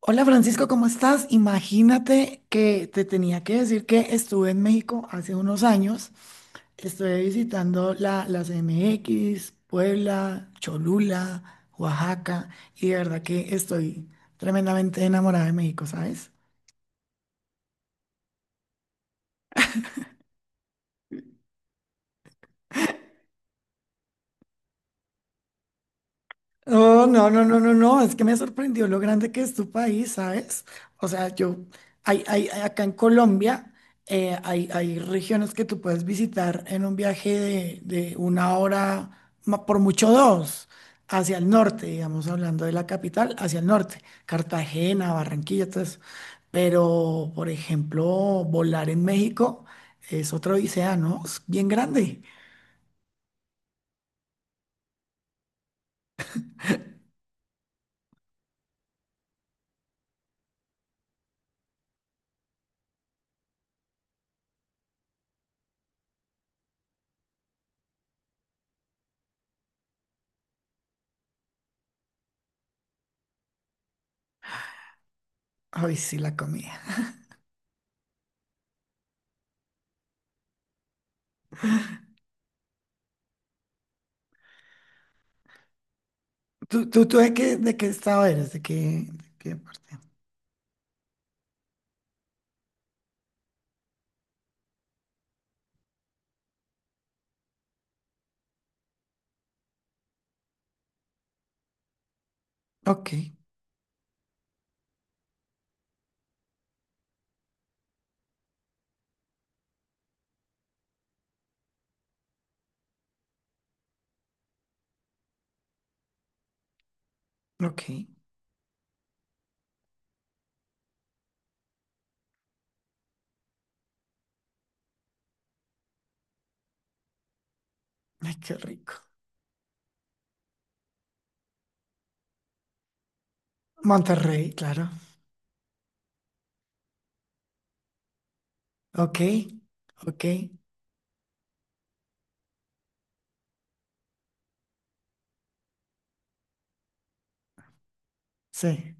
Hola Francisco, ¿cómo estás? Imagínate que te tenía que decir que estuve en México hace unos años. Estuve visitando la CMX, Puebla, Cholula, Oaxaca y de verdad que estoy tremendamente enamorada de México, ¿sabes? Oh, no, no, no, no, no, es que me sorprendió lo grande que es tu país, ¿sabes? O sea, yo, acá en Colombia hay regiones que tú puedes visitar en un viaje de una hora, por mucho dos, hacia el norte, digamos, hablando de la capital, hacia el norte, Cartagena, Barranquilla, todo eso. Pero, por ejemplo, volar en México es otra odisea, ¿no? Es bien grande. Ay, sí, la comida. ¿Tú de qué estado eres? De qué parte? Ok, ok. Ay, qué rico. Monterrey, claro. Ok, ok, sí.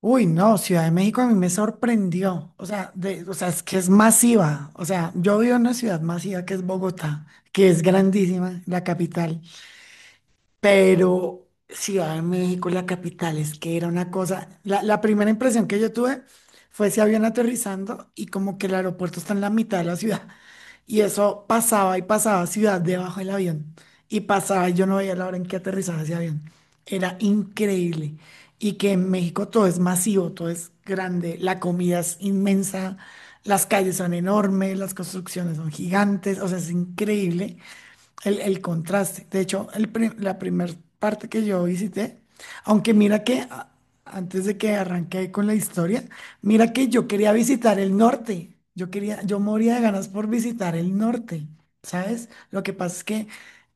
Uy, no, Ciudad de México a mí me sorprendió. O sea, de, o sea, es que es masiva. O sea, yo vivo en una ciudad masiva que es Bogotá, que es grandísima, la capital. Pero Ciudad de México, la capital, es que era una cosa. La primera impresión que yo tuve fue ese avión aterrizando y como que el aeropuerto está en la mitad de la ciudad. Y eso pasaba y pasaba ciudad debajo del avión. Y pasaba y yo no veía la hora en que aterrizaba ese avión. Era increíble. Y que en México todo es masivo, todo es grande, la comida es inmensa, las calles son enormes, las construcciones son gigantes, o sea, es increíble el contraste. De hecho, la primera parte que yo visité, aunque mira que antes de que arranque con la historia, mira que yo quería visitar el norte. Yo quería, yo moría de ganas por visitar el norte, ¿sabes? Lo que pasa es que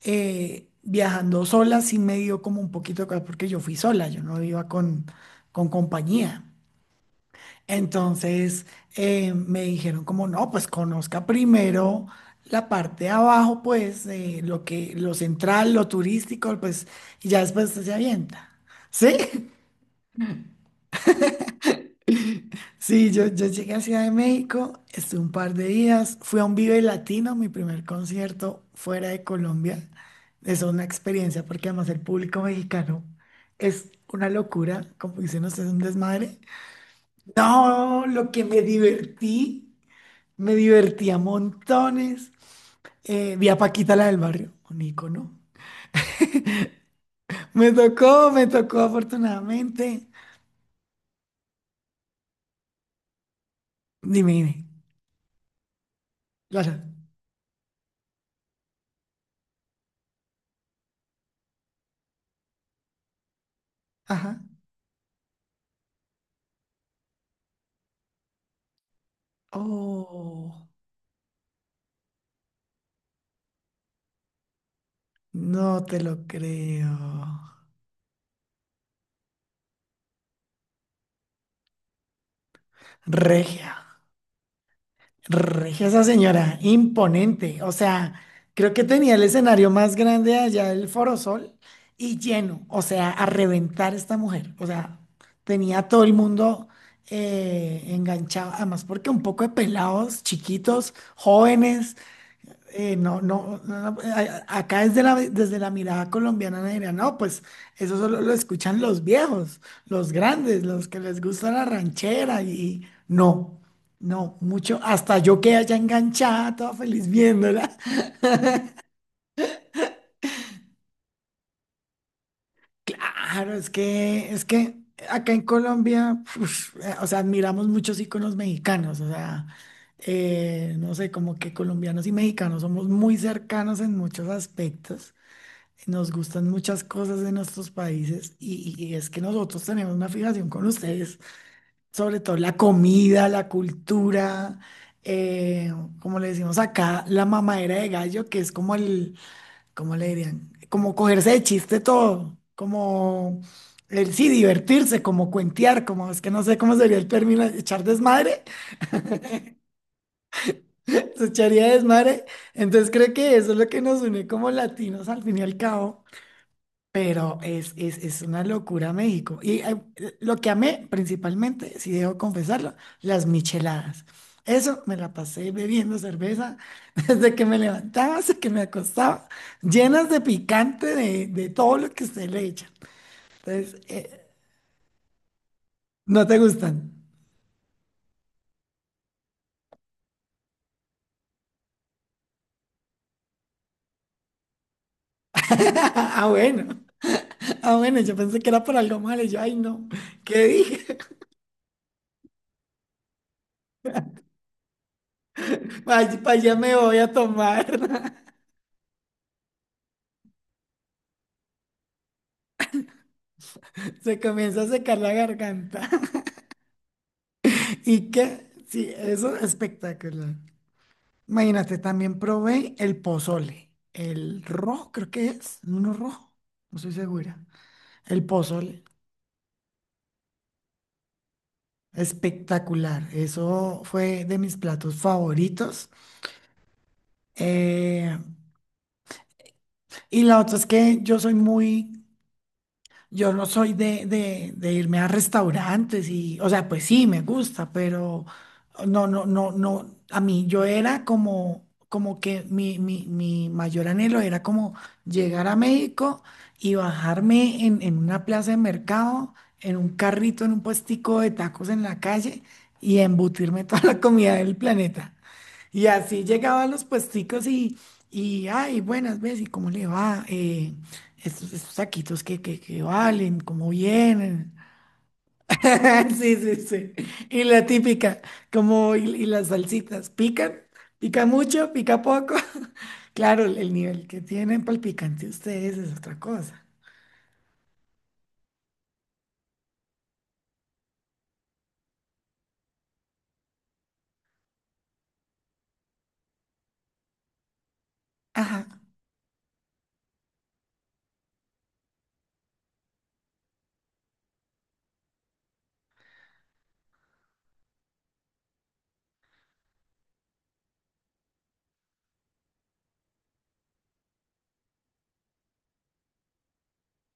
viajando sola sí me dio como un poquito de cosa, porque yo fui sola, yo no iba con compañía. Entonces me dijeron como, no, pues conozca primero la parte de abajo, pues lo que, lo central, lo turístico, pues, y ya después usted se avienta. ¿Sí? Sí, yo llegué a Ciudad de México, estuve un par de días, fui a un Vive Latino, mi primer concierto fuera de Colombia. Es una experiencia porque además el público mexicano es una locura, como dicen ustedes, un desmadre. No, lo que me divertí. Me divertía montones. Vi a Paquita la del barrio, un ícono. Me tocó afortunadamente. Dime, dime. Claro. Ajá. Oh, no te lo creo. Regia. Regia esa señora, imponente. O sea, creo que tenía el escenario más grande allá del Foro Sol y lleno. O sea, a reventar esta mujer. O sea, tenía a todo el mundo enganchado. Además, porque un poco de pelados, chiquitos, jóvenes no, no, no, no, acá desde la mirada colombiana me dirán, no, pues eso solo lo escuchan los viejos, los grandes, los que les gusta la ranchera y no, no, mucho, hasta yo quedé allá enganchada, toda feliz viéndola. Claro, es que acá en Colombia, uf, o sea, admiramos muchos íconos mexicanos, o sea, no sé, como que colombianos y mexicanos somos muy cercanos en muchos aspectos. Nos gustan muchas cosas de nuestros países y es que nosotros tenemos una fijación con ustedes, sobre todo la comida, la cultura, eh, como le decimos acá, la mamadera de gallo, que es como el, ¿cómo le dirían? Como cogerse de chiste todo, como el sí, divertirse, como cuentear, como es que no sé cómo sería el término, echar desmadre, se echaría desmadre. Entonces creo que eso es lo que nos une como latinos al fin y al cabo. Pero es una locura México. Y lo que amé principalmente, si debo confesarlo, las micheladas. Eso me la pasé bebiendo cerveza desde que me levantaba hasta que me acostaba, llenas de picante de todo lo que usted le echa. Entonces, no te gustan. Ah, bueno. Ah, bueno, yo pensé que era por algo malo. Y yo, ay, no. ¿Qué dije? Para allá me voy a tomar. Se comienza a secar la garganta. Y que, sí, eso es espectacular. Imagínate, también probé el pozole, el rojo, creo que es, uno rojo, no estoy segura. El pozole, espectacular. Eso fue de mis platos favoritos. Eh, y la otra es que yo soy muy. Yo no soy de irme a restaurantes y, o sea, pues sí, me gusta, pero no, no, no, no. A mí yo era como, como que mi mayor anhelo era como llegar a México y bajarme en una plaza de mercado, en un carrito, en un puestico de tacos en la calle y embutirme toda la comida del planeta. Y así llegaban los puesticos y ay, buenas ves, ¿y cómo le va? Estos, estos taquitos que valen, ¿cómo vienen? Sí, sí, sí. Y la típica, como, y las salsitas, ¿pican? ¿Pica mucho? ¿Pica poco? Claro, el nivel que tienen para el picante ustedes es otra cosa. Ajá.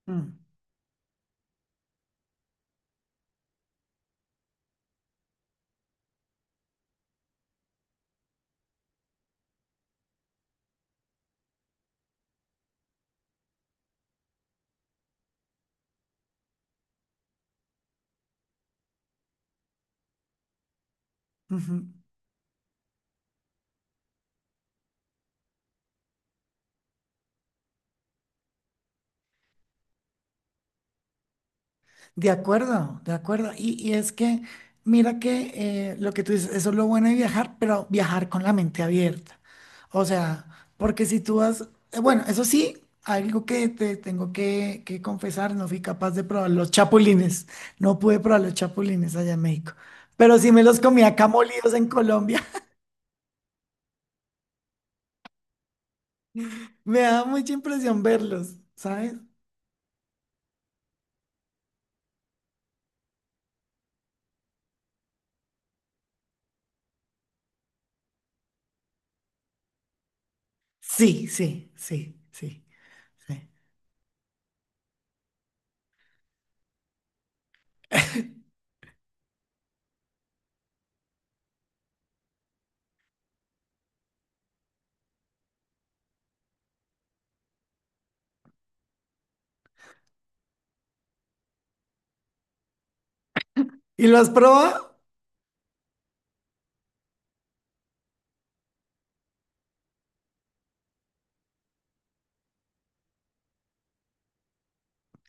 Mm, ujú. De acuerdo, de acuerdo. Y es que, mira que lo que tú dices, eso es lo bueno de viajar, pero viajar con la mente abierta. O sea, porque si tú vas, bueno, eso sí, algo que te tengo que confesar, no fui capaz de probar los chapulines. No pude probar los chapulines allá en México, pero sí me los comí acá molidos en Colombia. Me da mucha impresión verlos, ¿sabes? Sí, sí, sí, sí, sí. ¿Y lo has probado?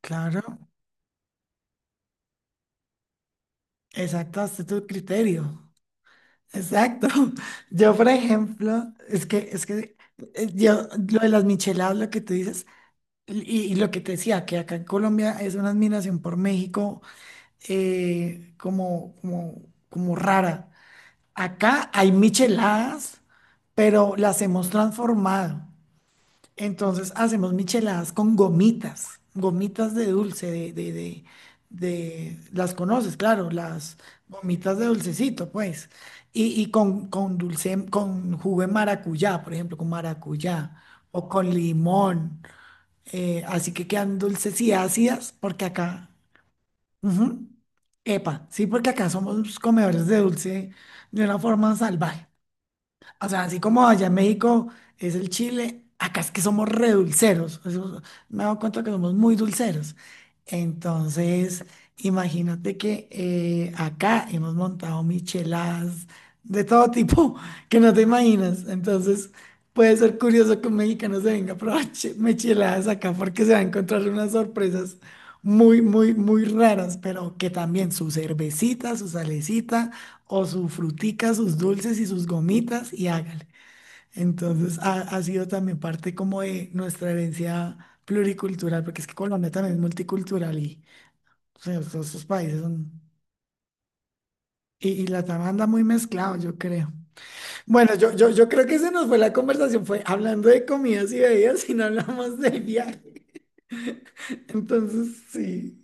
Claro, exacto, hasta tu criterio. Exacto. Yo, por ejemplo, es que yo, lo de las micheladas, lo que tú dices, y, y lo que te decía, que acá en Colombia es una admiración por México como, como, como rara. Acá hay micheladas, pero las hemos transformado. Entonces hacemos micheladas con gomitas, gomitas de dulce, de, las conoces, claro, las gomitas de dulcecito, pues. Y con dulce, con jugo de maracuyá, por ejemplo, con maracuyá o con limón. Así que quedan dulces y ácidas, porque acá, ujú, epa, sí, porque acá somos comedores de dulce de una forma salvaje. O sea, así como allá en México es el chile, acá es que somos redulceros. Eso, me he dado cuenta que somos muy dulceros. Entonces, imagínate que acá hemos montado micheladas de todo tipo que no te imaginas. Entonces, puede ser curioso que un mexicano se venga a probar micheladas acá porque se va a encontrar unas sorpresas muy, muy, muy raras, pero que también su cervecita, su salecita o su frutica, sus dulces y sus gomitas y hágale. Entonces ha sido también parte como de nuestra herencia pluricultural, porque es que Colombia también es multicultural y o sea, todos esos países son... Y, y la tama anda muy mezclado, yo creo. Bueno, yo creo que se nos fue la conversación, fue hablando de comidas y bebidas y no hablamos del viaje. Entonces, sí.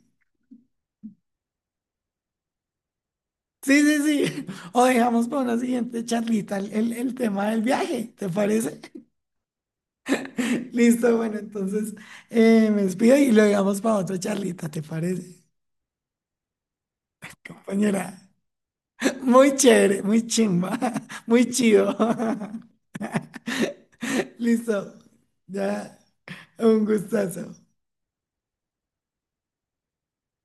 Sí, sí, sí. O dejamos para una siguiente charlita el, el tema del viaje, ¿te parece? Listo, bueno, entonces me despido y lo dejamos para otra charlita, ¿te parece, compañera? Muy chévere, muy chimba, muy chido. Listo, ya, un gustazo.